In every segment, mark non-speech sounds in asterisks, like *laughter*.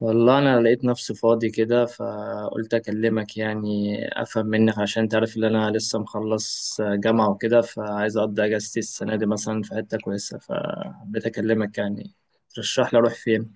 والله انا لقيت نفسي فاضي كده، فقلت اكلمك يعني افهم منك، عشان انت عارف ان انا لسه مخلص جامعه وكده، فعايز اقضي اجازتي السنه دي مثلا في حته كويسه، فحبيت اكلمك يعني ترشح لي اروح فين.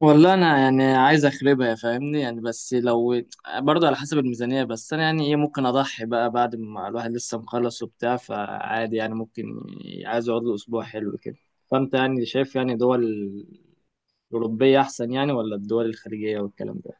والله انا يعني عايز اخربها يا فاهمني يعني، بس لو برضه على حسب الميزانيه، بس انا يعني ايه، ممكن اضحي بقى بعد ما الواحد لسه مخلص وبتاع، فعادي يعني ممكن عايز يقعد له اسبوع حلو كده. فانت يعني شايف يعني دول الأوروبية أحسن يعني ولا الدول الخليجية والكلام ده؟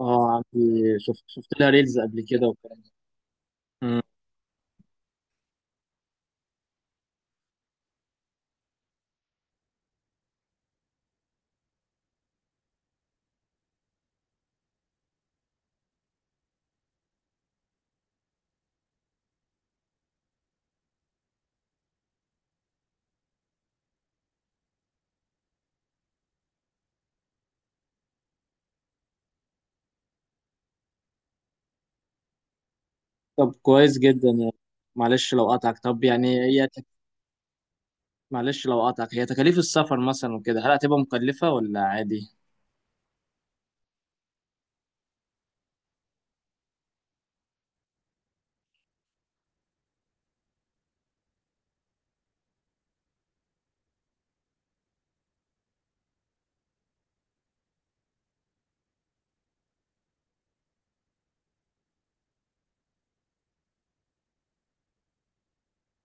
اه عندي، شفت لها ريلز قبل كده والكلام ده. مم. طب كويس جدا يعني. معلش لو قطعك، طب يعني هي معلش لو قطعك، هي تكاليف السفر مثلا وكده هل هتبقى مكلفة ولا عادي؟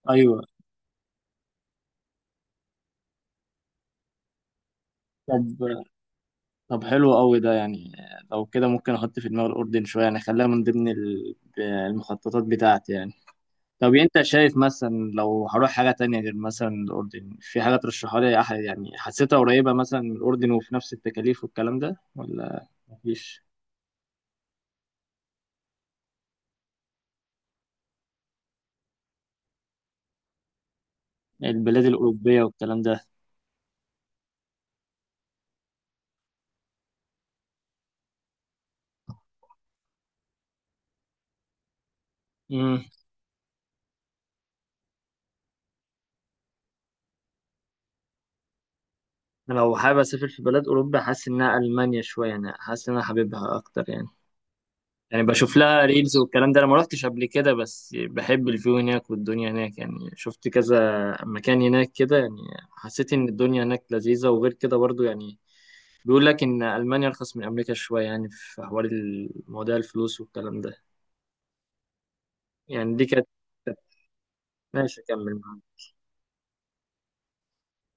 أيوه. طب طب حلو قوي ده يعني. لو كده ممكن أحط في دماغي الأردن شوية، يعني أخليها من ضمن المخططات بتاعتي يعني. طب انت شايف مثلا لو هروح حاجة تانية غير مثلا الأردن، في حاجة ترشحها لي، يعني حسيتها قريبة مثلا من الأردن وفي نفس التكاليف والكلام ده ولا مفيش؟ البلاد الأوروبية والكلام ده. امم. لو حابب أسافر في بلاد أوروبا حاسس إنها ألمانيا شوية يعني، حاسس إن أنا حاببها أكتر يعني بشوف لها ريلز والكلام ده، أنا ما روحتش قبل كده، بس بحب الفيو هناك والدنيا هناك، يعني شفت كذا مكان هناك كده يعني. حسيت إن الدنيا هناك لذيذة، وغير كده برضو يعني بيقول لك إن ألمانيا أرخص من أمريكا شوية يعني في حوار مواضيع الفلوس والكلام ده. يعني دي كانت... ماشي كمل معاك.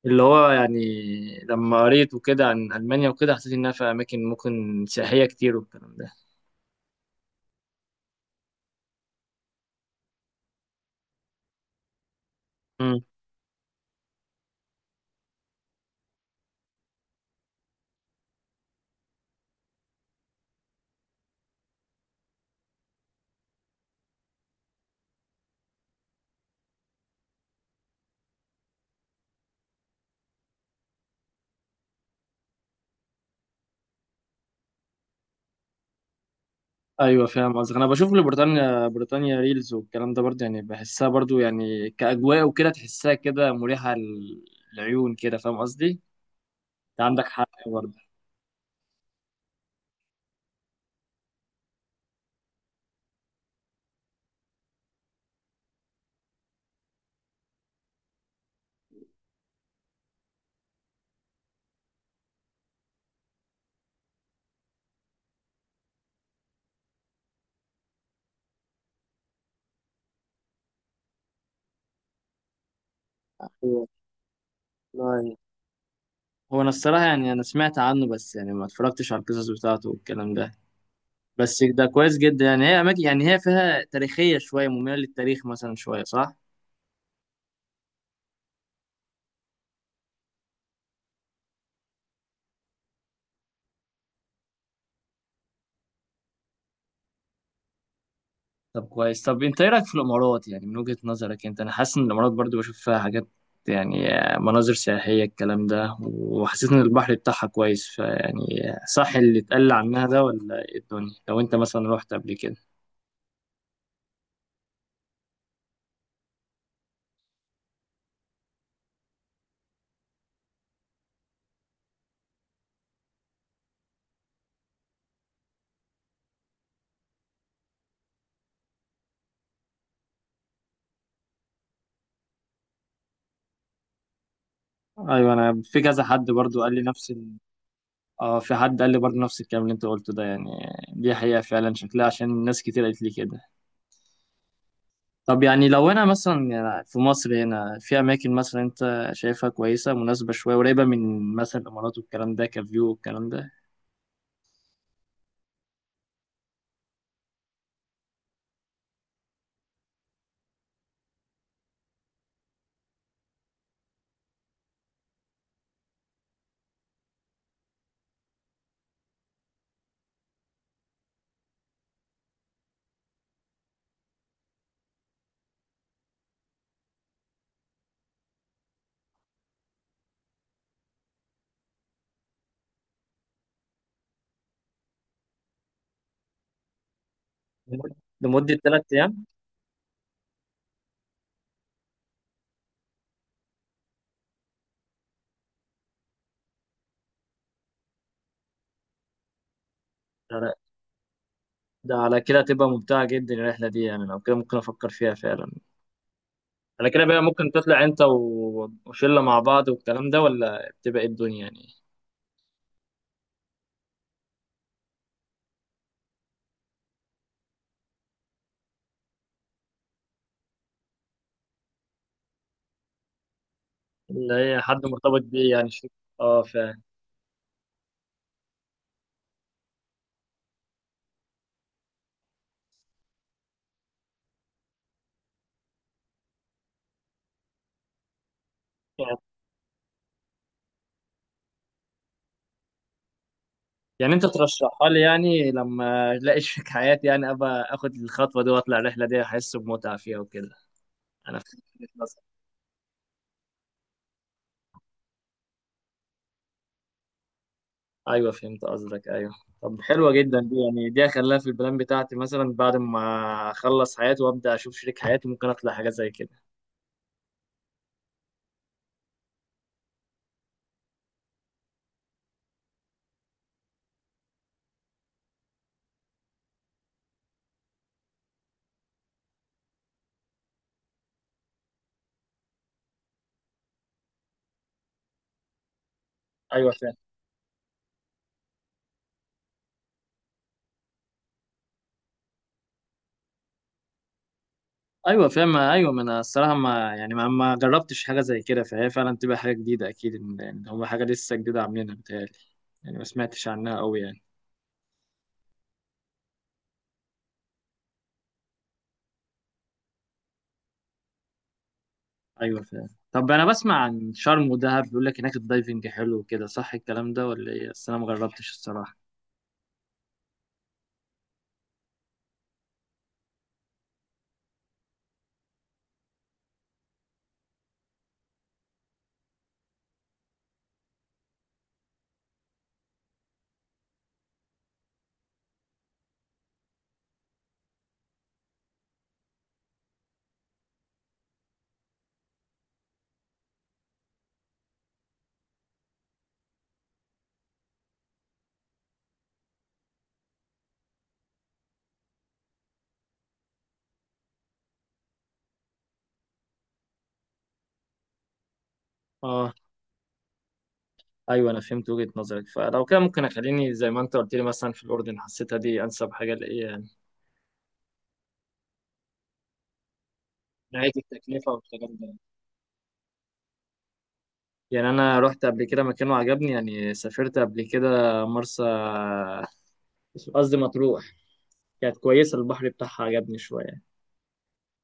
اللي هو يعني لما قريت وكده عن ألمانيا وكده حسيت إنها في أماكن ممكن سياحية كتير والكلام ده. مم. أيوة فاهم قصدك. أنا بشوف لبريطانيا، بريطانيا ريلز والكلام ده برضه يعني، بحسها برضه يعني كأجواء وكده، تحسها كده مريحة للعيون كده، فاهم قصدي؟ أنت عندك حق برضه. هو هو أنا الصراحة يعني أنا سمعت عنه، بس يعني ما اتفرجتش على القصص بتاعته والكلام ده، بس ده كويس جدا يعني، هي اماكن يعني هي فيها تاريخيه شويه، مميله للتاريخ مثلا شويه صح. طب كويس، طب انت ايه رايك في الامارات يعني من وجهه نظرك انت، انا حاسس ان الامارات برضو بشوف فيها حاجات يعني مناظر سياحيه الكلام ده، وحسيت ان البحر بتاعها كويس، فيعني صح اللي اتقال عنها ده ولا ايه الدنيا لو انت مثلا رحت قبل كده؟ ايوه انا في كذا حد برضو قال لي نفس ال... اه، في حد قال لي برضو نفس الكلام اللي انت قلته ده يعني، دي حقيقه فعلا شكلها عشان ناس كتير قالت لي كده. طب يعني لو انا مثلا يعني في مصر هنا، في اماكن مثلا انت شايفها كويسه مناسبه شويه قريبه من مثلا الامارات والكلام ده كفيو والكلام ده؟ لمد- لمده 3 ايام. ده ده على كده تبقى ممتعه جدا الرحله دي يعني، لو كده ممكن افكر فيها فعلا. على كده بقى ممكن تطلع انت وشله مع بعض والكلام ده، ولا بتبقى إيه الدنيا يعني؟ اللي هي حد مرتبط بيه يعني شو. اه فعلا. يعني انت ترشحها لي يعني لما *laughs* الاقي شريك حياتي، يعني ابقى اخد الخطوه دي واطلع الرحله دي احس بمتعه فيها وكده. انا فهمت قصدك. ايوه فهمت قصدك ايوه. طب حلوه جدا دي يعني، دي هخليها في البلان بتاعتي مثلا بعد ما اخلص حياتي وابدا اشوف شريك حياتي، ممكن اطلع حاجه زي كده. ايوه فاهم، ايوه فاهم، ايوه ما انا الصراحه ما يعني ما جربتش حاجه زي كده، فهي فعلا تبقى حاجه جديده اكيد إن هو حاجه لسه جديده عاملينها بتهيألي، يعني ما سمعتش عنها قوي يعني. ايوه فاهم. طب انا بسمع عن شرم ودهب بيقول لك هناك الدايفنج حلو وكده، صح الكلام ده ولا ايه؟ بس انا ما جربتش الصراحه. اه، ايوه انا فهمت وجهة نظرك، فلو كده ممكن اخليني زي ما انت قلت لي مثلا في الاردن، حسيتها دي انسب حاجه لايه يعني نهايه التكلفه والكلام ده. يعني انا رحت قبل كده مكان وعجبني، يعني سافرت قبل كده مرسى، قصدي مطروح، كانت كويسه البحر بتاعها عجبني شويه،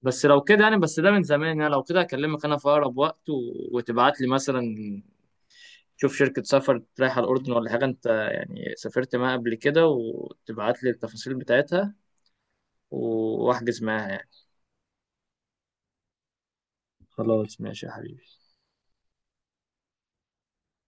بس لو كده يعني، بس ده من زمان، يعني لو كده اكلمك انا في اقرب وقت وتبعت لي مثلا، شوف شركه سفر رايحه الاردن ولا حاجه انت يعني سافرت معاها قبل كده، وتبعت لي التفاصيل بتاعتها واحجز معاها يعني. خلاص ماشي يا حبيبي.